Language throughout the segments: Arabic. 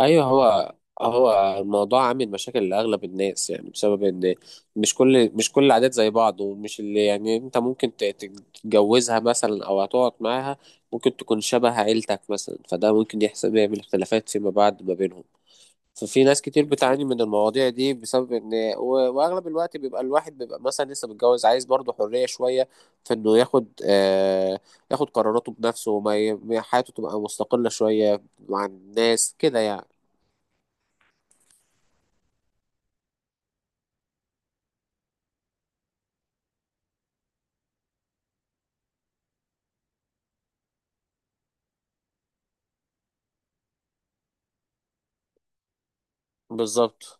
ايوه هو الموضوع عامل مشاكل لاغلب الناس، يعني بسبب ان مش كل العادات زي بعض، ومش اللي يعني انت ممكن تتجوزها مثلا او هتقعد معاها، ممكن تكون شبه عيلتك مثلا، فده ممكن يحسب يعمل اختلافات فيما بعد ما بينهم. ففي ناس كتير بتعاني من المواضيع دي بسبب ان واغلب الوقت بيبقى الواحد، بيبقى مثلا لسه متجوز، عايز برضه حرية شوية في انه ياخد، ياخد قراراته بنفسه، حياته تبقى مستقلة شوية عن الناس كده يعني. بالظبط.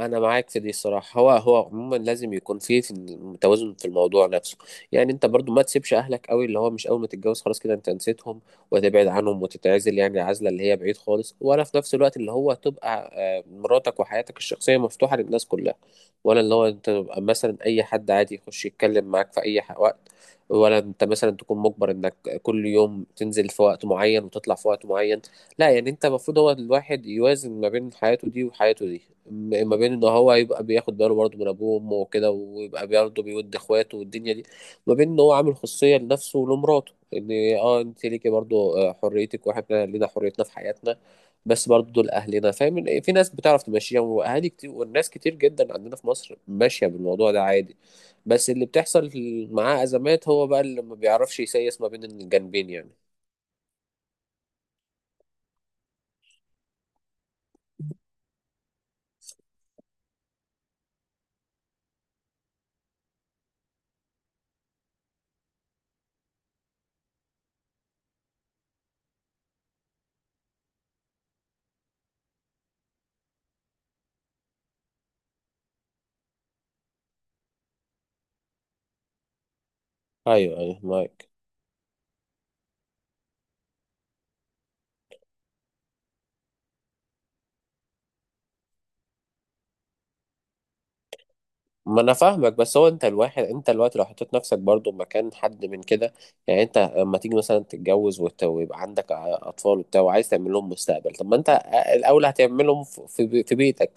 انا معاك في دي الصراحه، هو عموما لازم يكون فيه في توازن في الموضوع نفسه. يعني انت برضو ما تسيبش اهلك قوي، اللي هو مش اول ما تتجوز خلاص كده انت نسيتهم وتبعد عنهم وتتعزل، يعني عزله اللي هي بعيد خالص، ولا في نفس الوقت اللي هو تبقى مراتك وحياتك الشخصيه مفتوحه للناس كلها، ولا اللي هو انت تبقى مثلا اي حد عادي يخش يتكلم معاك في اي وقت، ولا انت مثلا تكون مجبر انك كل يوم تنزل في وقت معين وتطلع في وقت معين. لا، يعني انت المفروض، هو الواحد يوازن ما بين حياته دي وحياته دي، ما بين ان هو يبقى بياخد باله برضه من ابوه وامه وكده، ويبقى برضه بيود اخواته والدنيا دي، ما بين ان هو عامل خصوصية لنفسه ولمراته، ان اه انت ليكي برضه حريتك واحنا لينا حريتنا في حياتنا. بس برضه دول اهلنا، فاهم؟ إن في ناس بتعرف تمشيها، واهالي كتير والناس كتير جدا عندنا في مصر ماشية بالموضوع ده عادي. بس اللي بتحصل معاه ازمات هو بقى اللي ما بيعرفش يسيس ما بين الجانبين يعني. ايوه ايوه معاك. ما انا فاهمك، بس هو انت الواحد، انت دلوقتي لو حطيت نفسك برضو مكان حد من كده، يعني انت لما تيجي مثلا تتجوز ويبقى عندك اطفال وبتاع، وعايز تعمل لهم مستقبل، طب ما انت الاول هتعملهم في بيتك.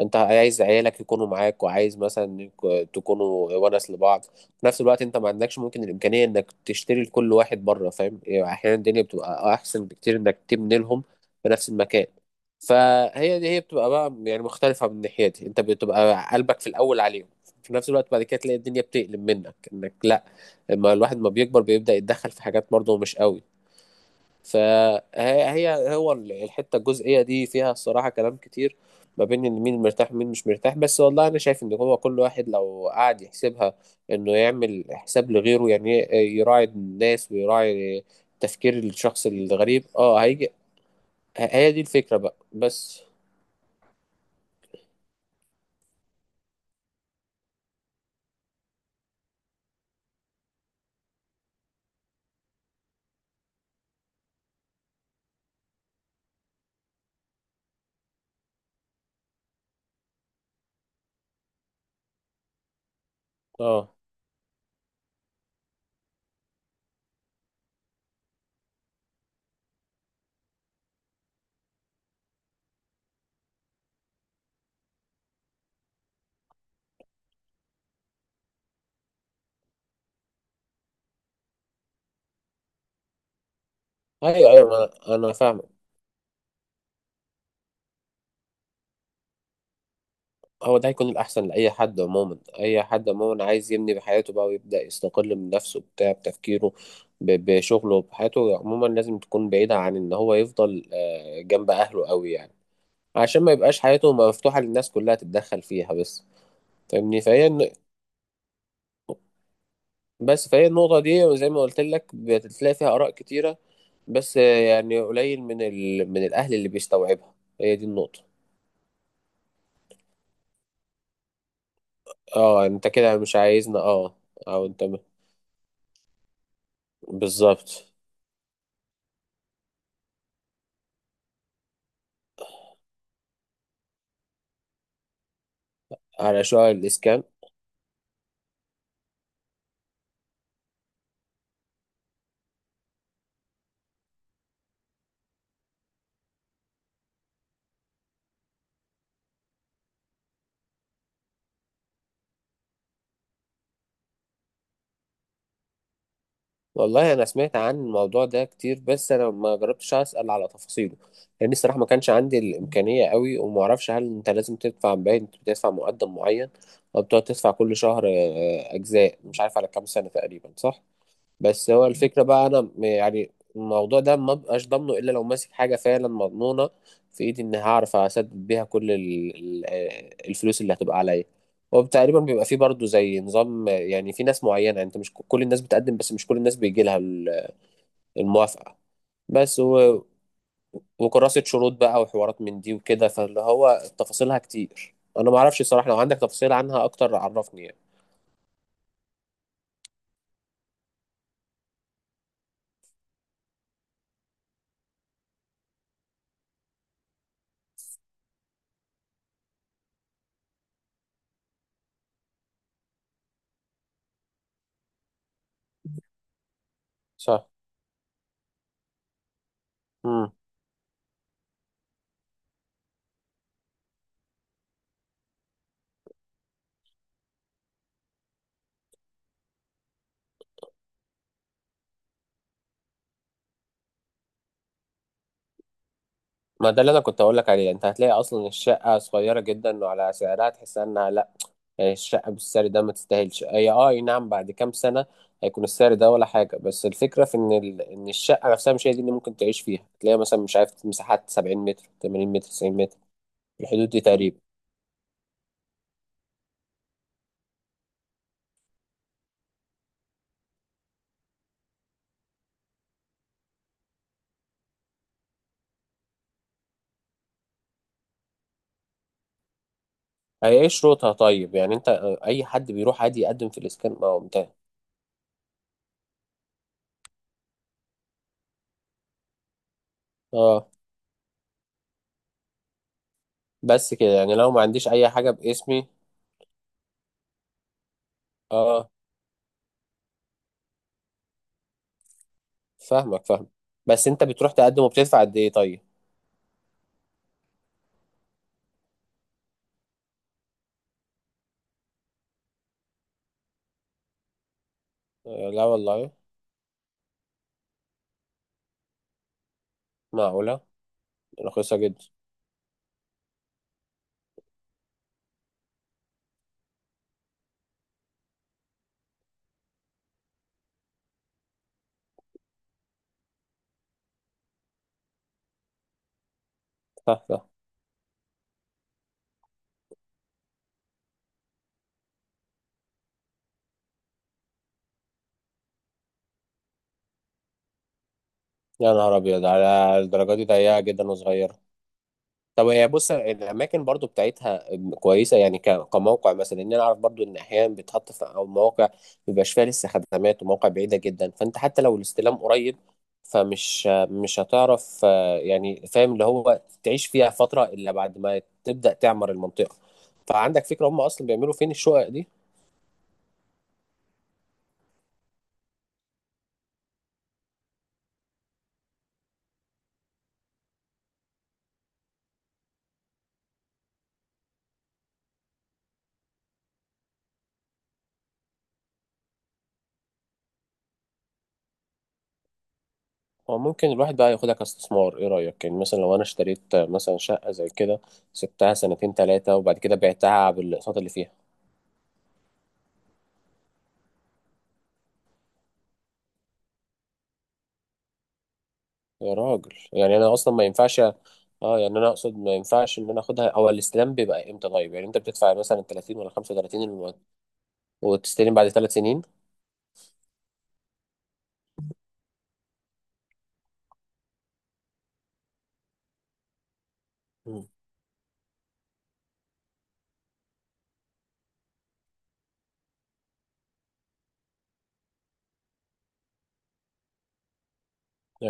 انت عايز عيالك يكونوا معاك، وعايز مثلا انك تكونوا ونس لبعض، في نفس الوقت انت ما عندكش ممكن الامكانيه انك تشتري لكل واحد بره، فاهم يعني؟ احيانا الدنيا بتبقى احسن بكتير انك تبني لهم في نفس المكان. فهي دي هي بتبقى بقى يعني مختلفة، من ناحيتي انت بتبقى قلبك في الاول عليهم، في نفس الوقت بعد كده تلاقي الدنيا بتقلب منك انك لا، لما الواحد ما بيكبر بيبدأ يتدخل في حاجات برضه مش قوي. فهي هو الحتة الجزئية دي فيها الصراحة كلام كتير، ما بين ان مين مرتاح ومين مش مرتاح. بس والله انا شايف ان هو كل واحد لو قعد يحسبها، انه يعمل حساب لغيره، يعني يراعي الناس ويراعي تفكير الشخص الغريب، هيجي. هي دي الفكرة بقى بس. اه، ايوه ايوه انا فاهم. هو ده هيكون الأحسن لأي حد عموما، أي حد عموما عايز يبني بحياته بقى ويبدأ يستقل من نفسه، بتاع بتفكيره بشغله بحياته، عموما لازم تكون بعيدة عن إن هو يفضل جنب أهله قوي يعني، عشان ما يبقاش حياته مفتوحة للناس كلها تتدخل فيها بس. فاهمني؟ بس فهي النقطة دي زي ما قلت لك بتلاقي فيها آراء كتيرة، بس يعني قليل من من الأهل اللي بيستوعبها. هي دي النقطة. اه، انت كده مش عايزنا، اه. او انت بالظبط. على شعر الإسكان، والله أنا سمعت عن الموضوع ده كتير، بس أنا ما جربتش أسأل على تفاصيله، لأن الصراحة ما كانش عندي الإمكانية قوي، وما أعرفش هل أنت لازم تدفع، باين أنت بتدفع مقدم معين، أو بتقعد تدفع كل شهر أجزاء، مش عارف على كام سنة تقريبا، صح؟ بس هو الفكرة بقى، أنا يعني الموضوع ده ما بقاش ضامنه إلا لو ماسك حاجة فعلا مضمونة في إيدي، إن هعرف أسدد بيها كل الفلوس اللي هتبقى عليا. هو تقريبا بيبقى فيه برضه زي نظام، يعني في ناس معينة، يعني أنت مش كل الناس بتقدم، بس مش كل الناس بيجي لها الموافقة. بس وكراسة شروط بقى وحوارات من دي وكده، فاللي هو تفاصيلها كتير أنا معرفش الصراحة، لو عندك تفاصيل عنها أكتر عرفني يعني. صح، ما ده اللي انا كنت اقول لك عليه، انت هتلاقي اصلا الشقه صغيره جدا، وعلى سعرها تحس انها لا، يعني الشقه بالسعر ده ما تستاهلش، هي أي نعم، بعد كام سنه هيكون السعر ده ولا حاجه، بس الفكره في ان ان الشقه نفسها مش هي دي اللي ممكن تعيش فيها، تلاقي مثلا مش عارف مساحات 70 متر، 80 متر، 90 متر، الحدود دي تقريبا. هي ايه شروطها طيب؟ يعني انت اي حد بيروح عادي يقدم في الاسكان، ما هو ممتاز. اه. بس كده يعني لو ما عنديش اي حاجه باسمي؟ اه، فاهمك فاهم. بس انت بتروح تقدم وبتدفع قد ايه طيب؟ لا والله، معقولة، رخيصة جدا. صح صح. يا نهار أبيض، على الدرجة دي ضيقة جدا وصغيرة. طب هي بص، الأماكن برضو بتاعتها كويسة يعني، كموقع مثلا، إن أنا أعرف برضو إن أحيانا بيتحط في أو مواقع مبيبقاش فيها لسه خدمات، ومواقع بعيدة جدا، فأنت حتى لو الاستلام قريب فمش مش هتعرف يعني فاهم اللي هو تعيش فيها فترة إلا بعد ما تبدأ تعمر المنطقة. فعندك فكرة هم أصلا بيعملوا فين الشقق دي؟ هو ممكن الواحد بقى ياخدها كاستثمار، ايه رأيك؟ يعني مثلا لو انا اشتريت مثلا شقة زي كده، سبتها سنتين ثلاثة، وبعد كده بعتها بالاقساط اللي فيها. يا راجل، يعني انا اصلا ما ينفعش، اه يعني انا اقصد ما ينفعش ان انا اخدها، هو الاستلام بيبقى امتى طيب؟ يعني انت بتدفع مثلا 30 ولا 35 المقدم، وتستلم بعد 3 سنين؟ مم.